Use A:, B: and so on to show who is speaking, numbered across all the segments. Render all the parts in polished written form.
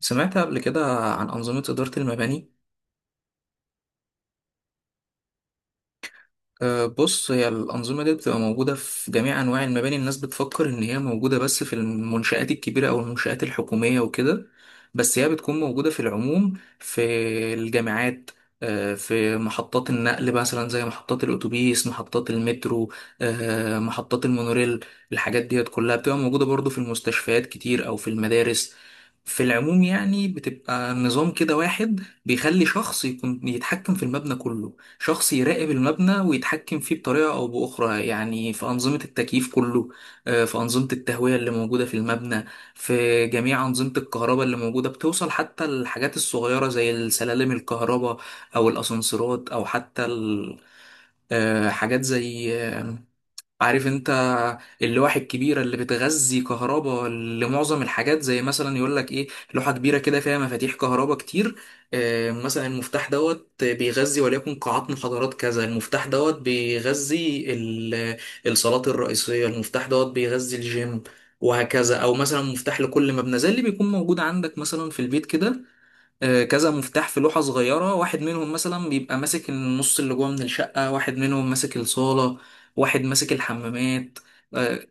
A: سمعت قبل كده عن أنظمة إدارة المباني؟ بص، هي الأنظمة دي بتبقى موجودة في جميع أنواع المباني. الناس بتفكر إن هي موجودة بس في المنشآت الكبيرة أو المنشآت الحكومية وكده، بس هي بتكون موجودة في العموم. في الجامعات، في محطات النقل مثلا زي محطات الأتوبيس، محطات المترو، محطات المونوريل. الحاجات ديت كلها بتبقى موجودة برضو في المستشفيات كتير أو في المدارس. في العموم يعني بتبقى نظام كده واحد بيخلي شخص يكون يتحكم في المبنى كله، شخص يراقب المبنى ويتحكم فيه بطريقة أو بأخرى، يعني في أنظمة التكييف كله، في أنظمة التهوية اللي موجودة في المبنى، في جميع أنظمة الكهرباء اللي موجودة، بتوصل حتى الحاجات الصغيرة زي السلالم الكهرباء أو الأسانسيرات أو حتى حاجات زي، عارف انت، اللوح الكبيرة اللي بتغذي كهرباء لمعظم الحاجات، زي مثلا يقول لك ايه، لوحة كبيرة كده فيها مفاتيح كهرباء كتير. اه مثلا المفتاح دوت بيغذي وليكن قاعات محاضرات، كذا المفتاح دوت بيغذي الصالات الرئيسية، المفتاح دوت بيغذي الجيم، وهكذا. او مثلا مفتاح لكل مبنى زي اللي بيكون موجود عندك مثلا في البيت كده، كذا مفتاح في لوحة صغيرة، واحد منهم مثلا بيبقى ماسك النص اللي جوه من الشقة، واحد منهم ماسك الصالة، واحد ماسك الحمامات. آه،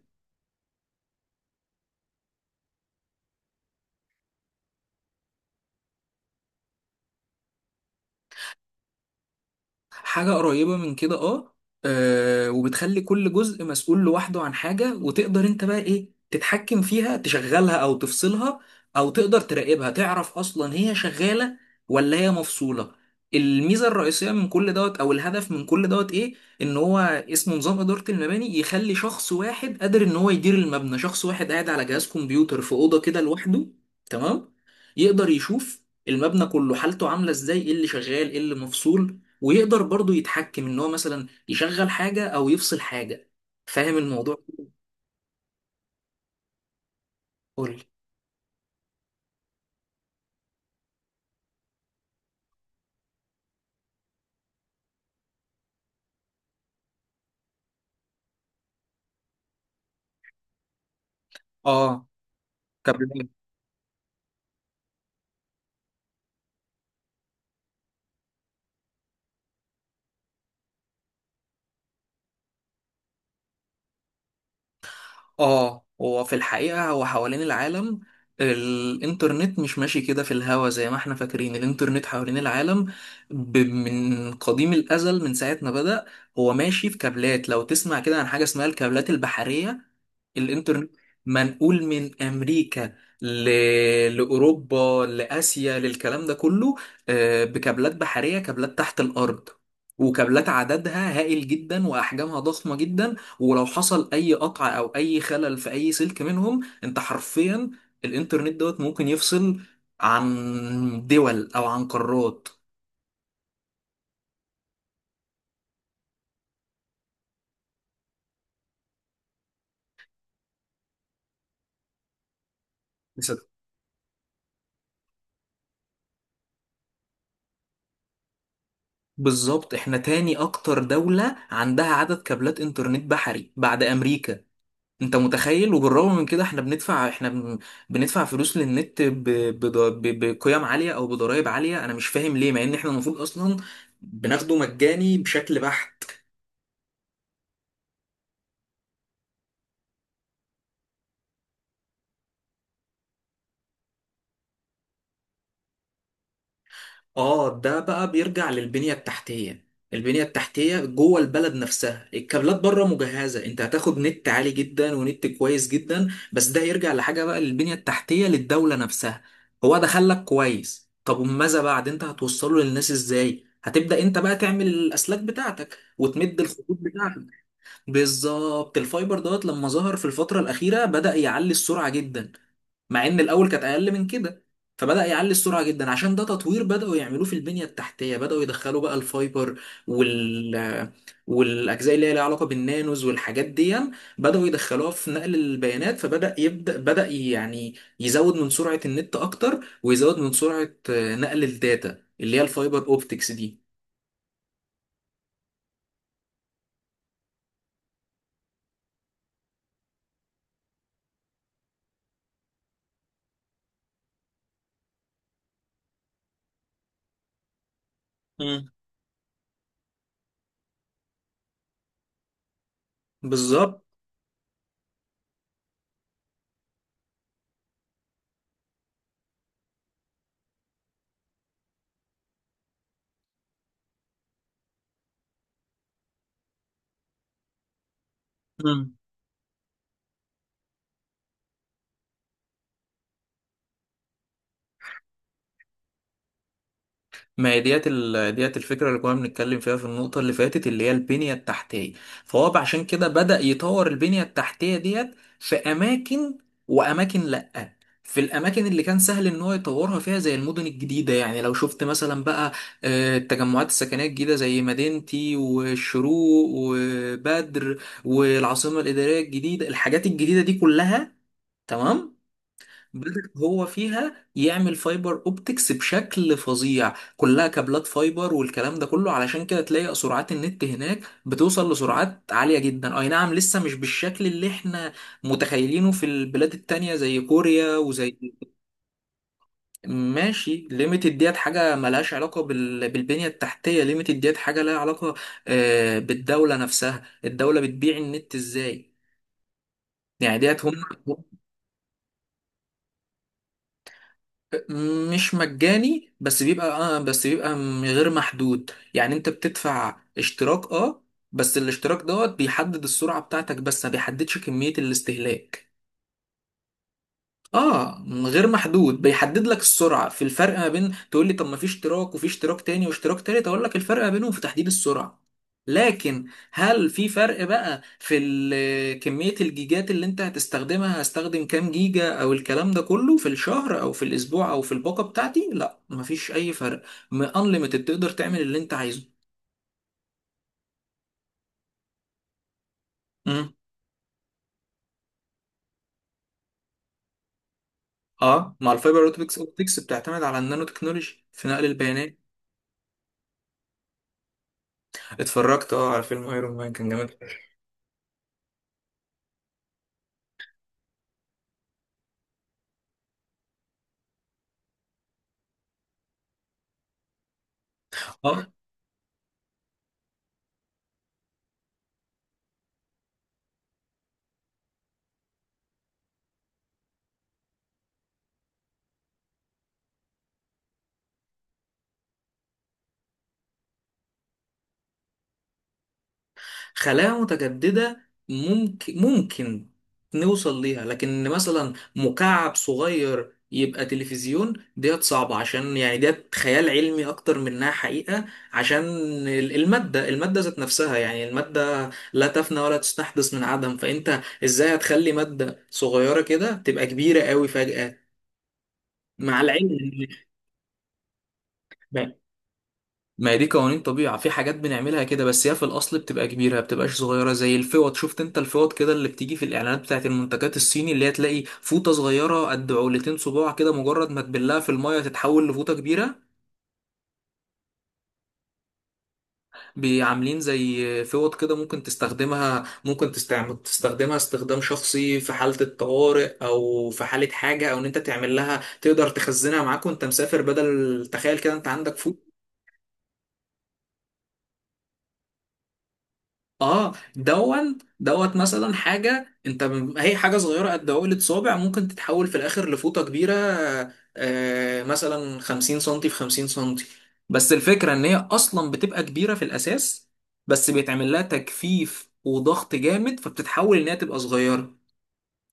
A: حاجة قريبة من كده، اه. وبتخلي كل جزء مسؤول لوحده عن حاجة، وتقدر انت بقى ايه تتحكم فيها، تشغلها او تفصلها، او تقدر تراقبها، تعرف اصلا هي شغالة ولا هي مفصولة. الميزة الرئيسية من كل دوت او الهدف من كل دوت ايه؟ ان هو اسمه نظام ادارة المباني، يخلي شخص واحد قادر ان هو يدير المبنى، شخص واحد قاعد على جهاز كمبيوتر في أوضة كده لوحده، تمام، يقدر يشوف المبنى كله، حالته عاملة ازاي، ايه اللي شغال، ايه اللي مفصول، ويقدر برضو يتحكم، ان هو مثلا يشغل حاجة او يفصل حاجة. فاهم الموضوع؟ قول لي. اه كبرنامج. اه، هو في الحقيقة هو حوالين العالم، الانترنت مش ماشي كده في الهوا زي ما احنا فاكرين. الانترنت حوالين العالم من قديم الازل، من ساعة ما بدأ، هو ماشي في كابلات. لو تسمع كده عن حاجة اسمها الكابلات البحرية، الانترنت منقول من امريكا ل... لاوروبا، لاسيا، للكلام ده كله، بكابلات بحريه، كابلات تحت الارض، وكابلات عددها هائل جدا واحجامها ضخمه جدا. ولو حصل اي قطع او اي خلل في اي سلك منهم، انت حرفيا الانترنت دوت ممكن يفصل عن دول او عن قارات. بس- بالظبط، احنا تاني اكتر دولة عندها عدد كابلات انترنت بحري بعد امريكا. انت متخيل؟ وبالرغم من كده احنا بندفع، بندفع فلوس للنت بقيم عالية او بضرائب عالية، انا مش فاهم ليه، مع ان احنا المفروض اصلا بناخده مجاني بشكل بحت. اه ده بقى بيرجع للبنية التحتية، البنية التحتية جوه البلد نفسها. الكابلات بره مجهزة، انت هتاخد نت عالي جدا ونت كويس جدا، بس ده يرجع لحاجة بقى، للبنية التحتية للدولة نفسها. هو ده خلك كويس، طب وماذا بعد؟ انت هتوصله للناس ازاي؟ هتبدأ انت بقى تعمل الاسلاك بتاعتك وتمد الخطوط بتاعتك. بالظبط، الفايبر دوت لما ظهر في الفترة الأخيرة بدأ يعلي السرعة جدا، مع ان الاول كانت اقل من كده. فبدأ يعلي السرعة جدا، عشان ده تطوير بدأوا يعملوه في البنية التحتية، بدأوا يدخلوا بقى الفايبر وال والأجزاء اللي هي ليها علاقة بالنانوز والحاجات دي، بدأوا يدخلوها في نقل البيانات، فبدأ يبدأ بدأ يعني يزود من سرعة النت أكتر، ويزود من سرعة نقل الداتا اللي هي الفايبر أوبتكس دي. مم. بالظبط. ما هي ديت ديت الفكرة اللي كنا بنتكلم فيها في النقطة اللي فاتت، اللي هي البنية التحتية. فهو عشان كده بدأ يطور البنية التحتية ديت في أماكن، وأماكن لأ. في الأماكن اللي كان سهل إن هو يطورها فيها، زي المدن الجديدة، يعني لو شفت مثلا بقى، التجمعات السكنية الجديدة زي مدينتي والشروق وبدر والعاصمة الإدارية الجديدة، الحاجات الجديدة دي كلها، تمام، بلد هو فيها يعمل فايبر اوبتكس بشكل فظيع، كلها كابلات فايبر والكلام ده كله. علشان كده تلاقي سرعات النت هناك بتوصل لسرعات عالية جدا، اي نعم لسه مش بالشكل اللي احنا متخيلينه في البلاد التانية زي كوريا وزي. ماشي، ليميتد ديت حاجة ملهاش علاقة بالبنية التحتية، ليميتد ديت حاجة لها علاقة بالدولة نفسها، الدولة بتبيع النت ازاي، يعني ديت هم. مش مجاني، بس بيبقى اه، بس بيبقى غير محدود، يعني انت بتدفع اشتراك، اه، بس الاشتراك دوت بيحدد السرعة بتاعتك، بس ما بيحددش كمية الاستهلاك. اه، من غير محدود، بيحدد لك السرعه. في الفرق ما بين، تقول لي طب ما في اشتراك وفي اشتراك تاني واشتراك تالت، اقول لك الفرق ما بينهم في تحديد السرعه. لكن هل في فرق بقى في كميه الجيجات اللي انت هتستخدمها، هستخدم كام جيجا او الكلام ده كله في الشهر او في الاسبوع او في الباقه بتاعتي؟ لا، مفيش اي فرق، انليمتد، تقدر تعمل اللي انت عايزه. امم اه، مع الفايبر اوبتكس، اوبتكس بتعتمد على النانو تكنولوجي في نقل البيانات. اتفرجت اه على فيلم ايرون مان، كان جامد. اه، خلايا متجددة، ممكن نوصل ليها، لكن مثلا مكعب صغير يبقى تلفزيون ديت صعبة، عشان يعني ديت خيال علمي أكتر منها حقيقة، عشان المادة ذات نفسها، يعني المادة لا تفنى ولا تستحدث من عدم، فأنت إزاي هتخلي مادة صغيرة كده تبقى كبيرة قوي فجأة، مع العلم. ما هي دي قوانين طبيعة، في حاجات بنعملها كده بس هي في الأصل بتبقى كبيرة ما بتبقاش صغيرة. زي الفوط، شفت أنت الفوط كده اللي بتيجي في الإعلانات بتاعت المنتجات الصيني، اللي هي تلاقي فوطة صغيرة قد عولتين صباع كده، مجرد ما تبلها في المية تتحول لفوطة كبيرة. بعاملين زي فوط كده، ممكن تستخدمها، ممكن تستخدمها استخدام شخصي في حالة الطوارئ، أو في حالة حاجة، أو إن أنت تعمل لها تقدر تخزنها معاك وأنت مسافر بدل تخيل كده أنت عندك فوط. اه دون دوت، مثلا حاجة انت هي حاجة صغيرة قد عقلة صابع، ممكن تتحول في الاخر لفوطة كبيرة، آه مثلا 50 سنتي في 50 سنتي. بس الفكرة ان هي اصلا بتبقى كبيرة في الاساس، بس بيتعمل لها تجفيف وضغط جامد، فبتتحول ان هي تبقى صغيرة،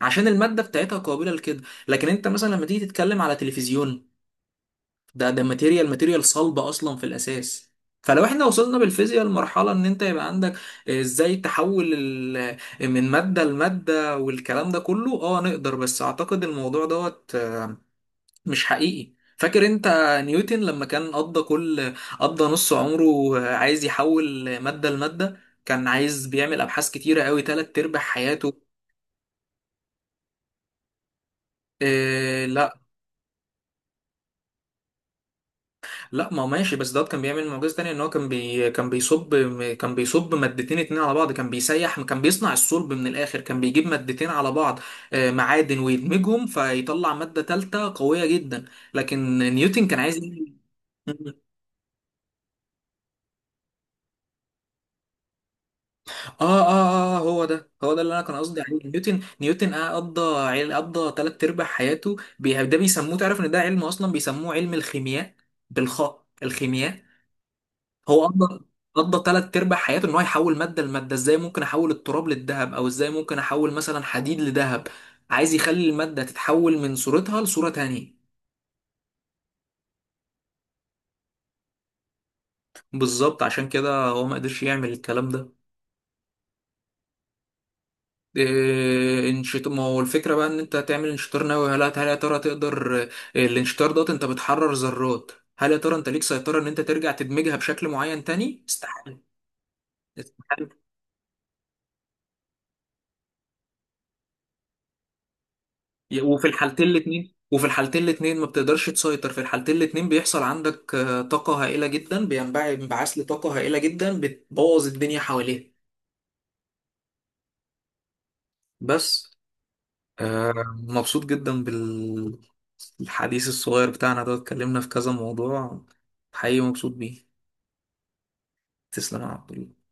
A: عشان المادة بتاعتها قابلة لكده. لكن انت مثلا لما تيجي تتكلم على تلفزيون، ده ماتيريال صلبة أصلا في الأساس. فلو احنا وصلنا بالفيزياء لمرحلة ان انت يبقى عندك، ازاي تحول من مادة لمادة والكلام ده كله، اه نقدر، بس اعتقد الموضوع دوت مش حقيقي. فاكر انت نيوتن لما كان قضى نص عمره عايز يحول مادة لمادة؟ كان عايز، بيعمل ابحاث كتيرة قوي، تلات ارباع حياته. آه، لا، ما هو ماشي، بس دوت كان بيعمل معجزة تانية، ان هو كان كان بيصب، كان بيصب مادتين اتنين على بعض، كان بيسيح، كان بيصنع الصلب من الاخر، كان بيجيب مادتين على بعض، معادن، ويدمجهم فيطلع مادة تالتة قوية جدا. لكن نيوتن كان عايز يعمل- اه اه اه، هو ده، هو ده اللي انا كان قصدي عليه، نيوتن، نيوتن قضى تلات ارباع حياته ده بيسموه، تعرف ان ده علم اصلا؟ بيسموه علم الخيمياء، بالخاء، الخيمياء. هو قضى قضى تلات ارباع حياته ان هو يحول ماده لماده، ازاي ممكن احول التراب للذهب، او ازاي ممكن احول مثلا حديد لذهب، عايز يخلي الماده تتحول من صورتها لصوره تانية. بالظبط، عشان كده هو ما قدرش يعمل الكلام ده. إيه انشط، ما هو الفكره بقى ان انت تعمل انشطار نووي، هل يا ترى تقدر؟ إيه، الانشطار دوت انت بتحرر ذرات، هل يا ترى انت ليك سيطره ان انت ترجع تدمجها بشكل معين تاني؟ استحاله. استحالة. وفي الحالتين الاتنين ما بتقدرش تسيطر، في الحالتين الاتنين بيحصل عندك طاقة هائلة جدا، بينبع انبعاث لطاقة هائلة جدا، بتبوظ الدنيا حواليه. بس مبسوط جدا بالحديث الصغير بتاعنا ده، اتكلمنا في كذا موضوع، حقيقي مبسوط بيه. تسلم يا عبد الله.